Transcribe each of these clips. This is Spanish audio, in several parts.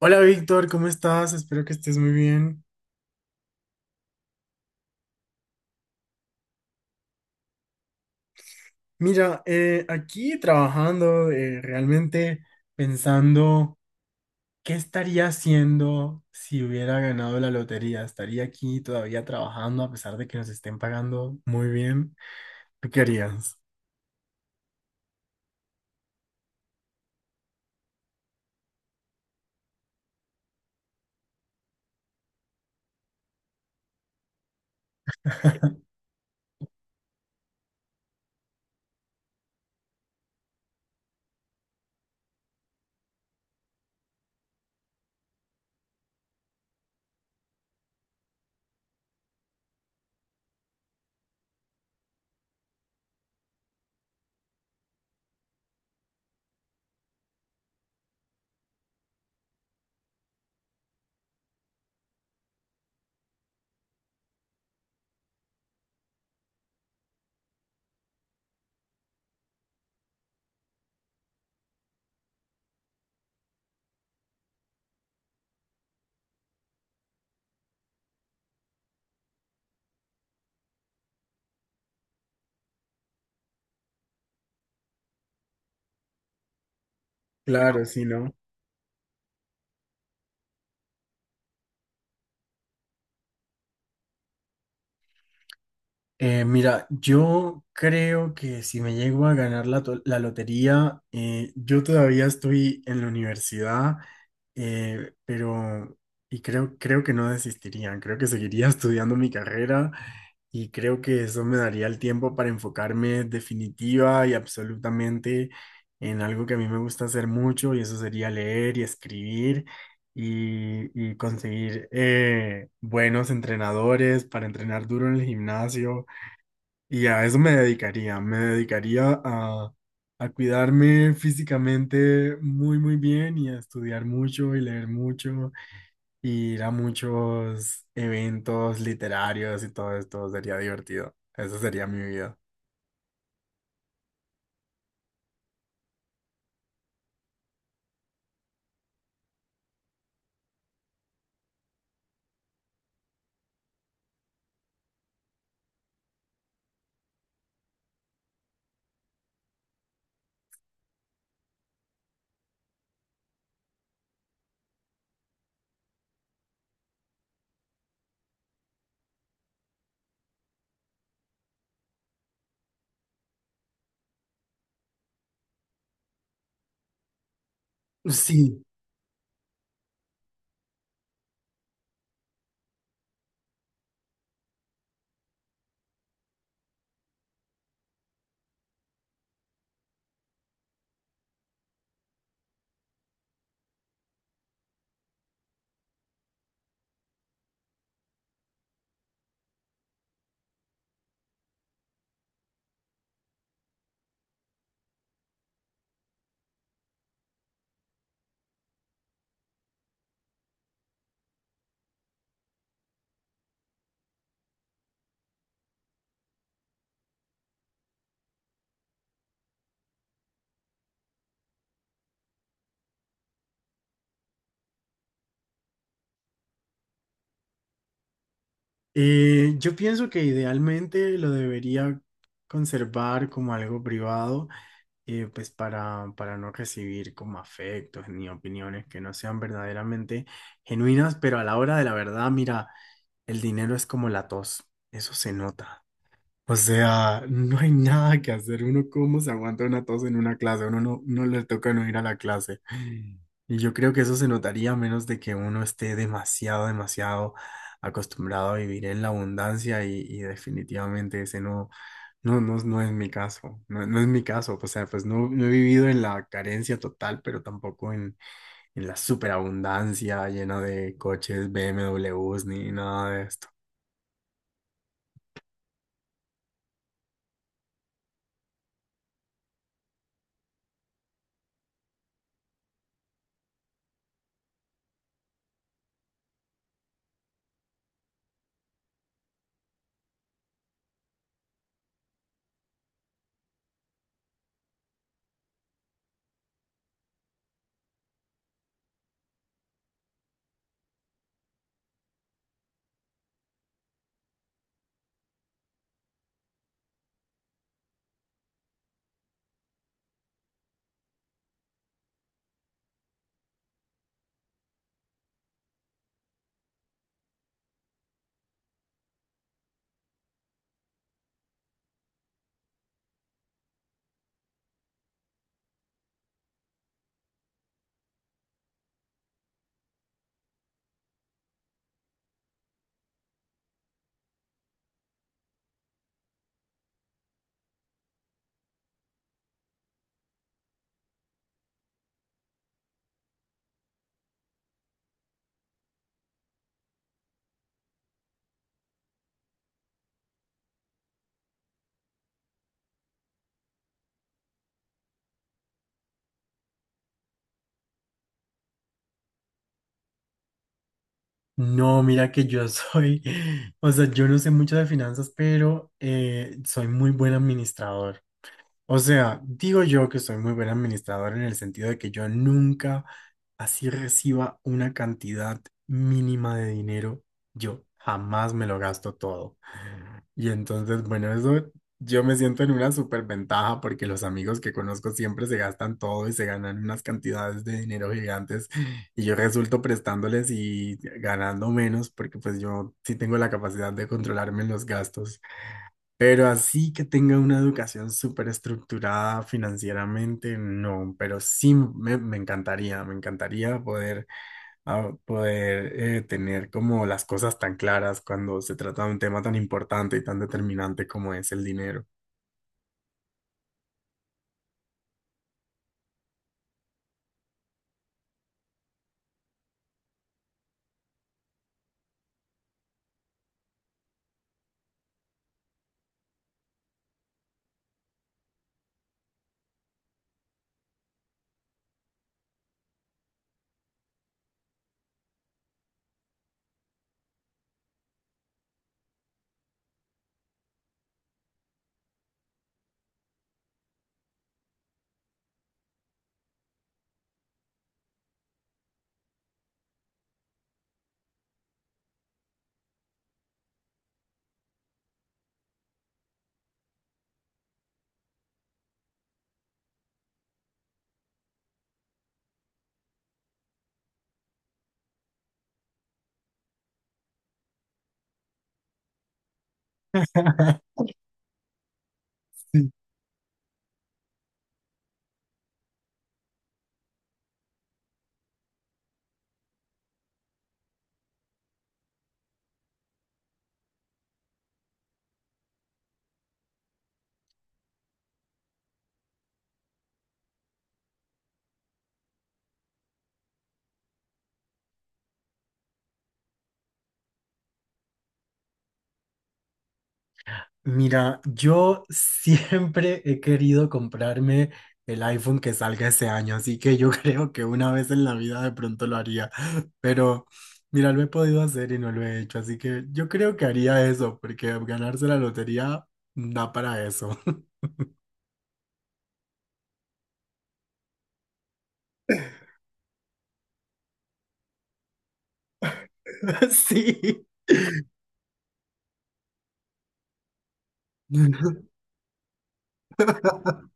Hola Víctor, ¿cómo estás? Espero que estés muy bien. Mira, aquí trabajando, realmente pensando qué estaría haciendo si hubiera ganado la lotería. ¿Estaría aquí todavía trabajando a pesar de que nos estén pagando muy bien? ¿Tú qué harías? Claro, sí, ¿no? Mira, yo creo que si me llego a ganar la, la lotería, yo todavía estoy en la universidad, pero y creo que no desistiría, creo que seguiría estudiando mi carrera y creo que eso me daría el tiempo para enfocarme definitiva y absolutamente en algo que a mí me gusta hacer mucho, y eso sería leer y escribir y conseguir buenos entrenadores para entrenar duro en el gimnasio, y a eso me dedicaría a cuidarme físicamente muy, muy bien y a estudiar mucho y leer mucho, y ir a muchos eventos literarios, y todo esto sería divertido. Esa sería mi vida. Sí, yo pienso que idealmente lo debería conservar como algo privado, pues para no recibir como afectos ni opiniones que no sean verdaderamente genuinas, pero a la hora de la verdad, mira. El dinero es como la tos, eso se nota. O sea, no hay nada que hacer. Uno cómo se aguanta una tos en una clase, uno no le toca no ir a la clase. Y yo creo que eso se notaría a menos de que uno esté demasiado, demasiado acostumbrado a vivir en la abundancia, y definitivamente ese no es mi caso. No, no es mi caso. O sea, pues no, no he vivido en la carencia total, pero tampoco en la superabundancia llena de coches, BMWs ni nada de esto. No, mira que yo soy, o sea, yo no sé mucho de finanzas, pero soy muy buen administrador. O sea, digo yo que soy muy buen administrador en el sentido de que yo nunca así reciba una cantidad mínima de dinero, yo jamás me lo gasto todo. Y entonces, bueno, eso yo me siento en una superventaja porque los amigos que conozco siempre se gastan todo y se ganan unas cantidades de dinero gigantes, y yo resulto prestándoles y ganando menos porque pues yo sí tengo la capacidad de controlarme en los gastos. Pero así que tenga una educación súper estructurada financieramente, no, pero sí me, me encantaría poder tener como las cosas tan claras cuando se trata de un tema tan importante y tan determinante como es el dinero. Mira, yo siempre he querido comprarme el iPhone que salga ese año, así que yo creo que una vez en la vida de pronto lo haría, pero mira, lo he podido hacer y no lo he hecho, así que yo creo que haría eso, porque ganarse la lotería da para eso. Sí.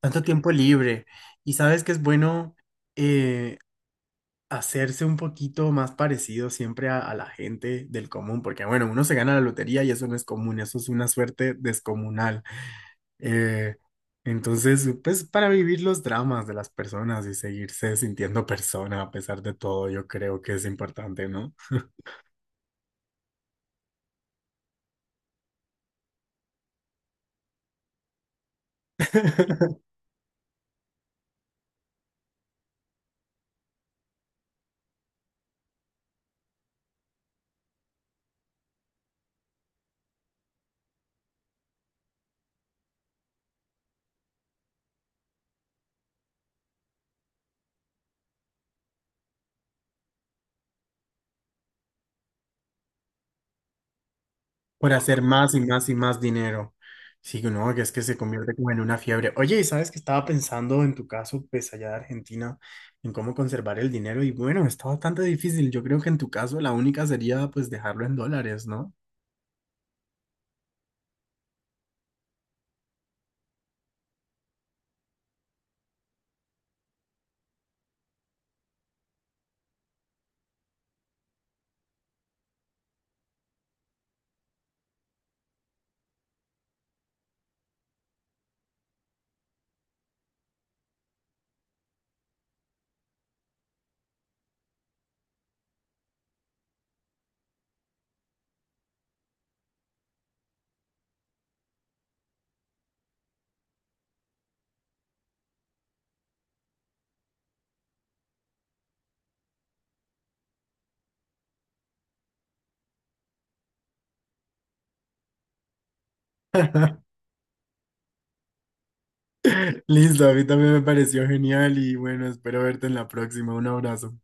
Tanto tiempo libre. Y sabes que es bueno eh, hacerse un poquito más parecido siempre a la gente del común, porque bueno, uno se gana la lotería y eso no es común, eso es una suerte descomunal. Eh, entonces, pues para vivir los dramas de las personas y seguirse sintiendo persona a pesar de todo, yo creo que es importante, ¿no? Por hacer más y más y más dinero. Sí, no, que es que se convierte como en una fiebre. Oye, y sabes que estaba pensando en tu caso, pues allá de Argentina, en cómo conservar el dinero, y bueno, está bastante difícil. Yo creo que en tu caso la única sería pues dejarlo en dólares, ¿no? Listo, a mí también me pareció genial y bueno, espero verte en la próxima. Un abrazo.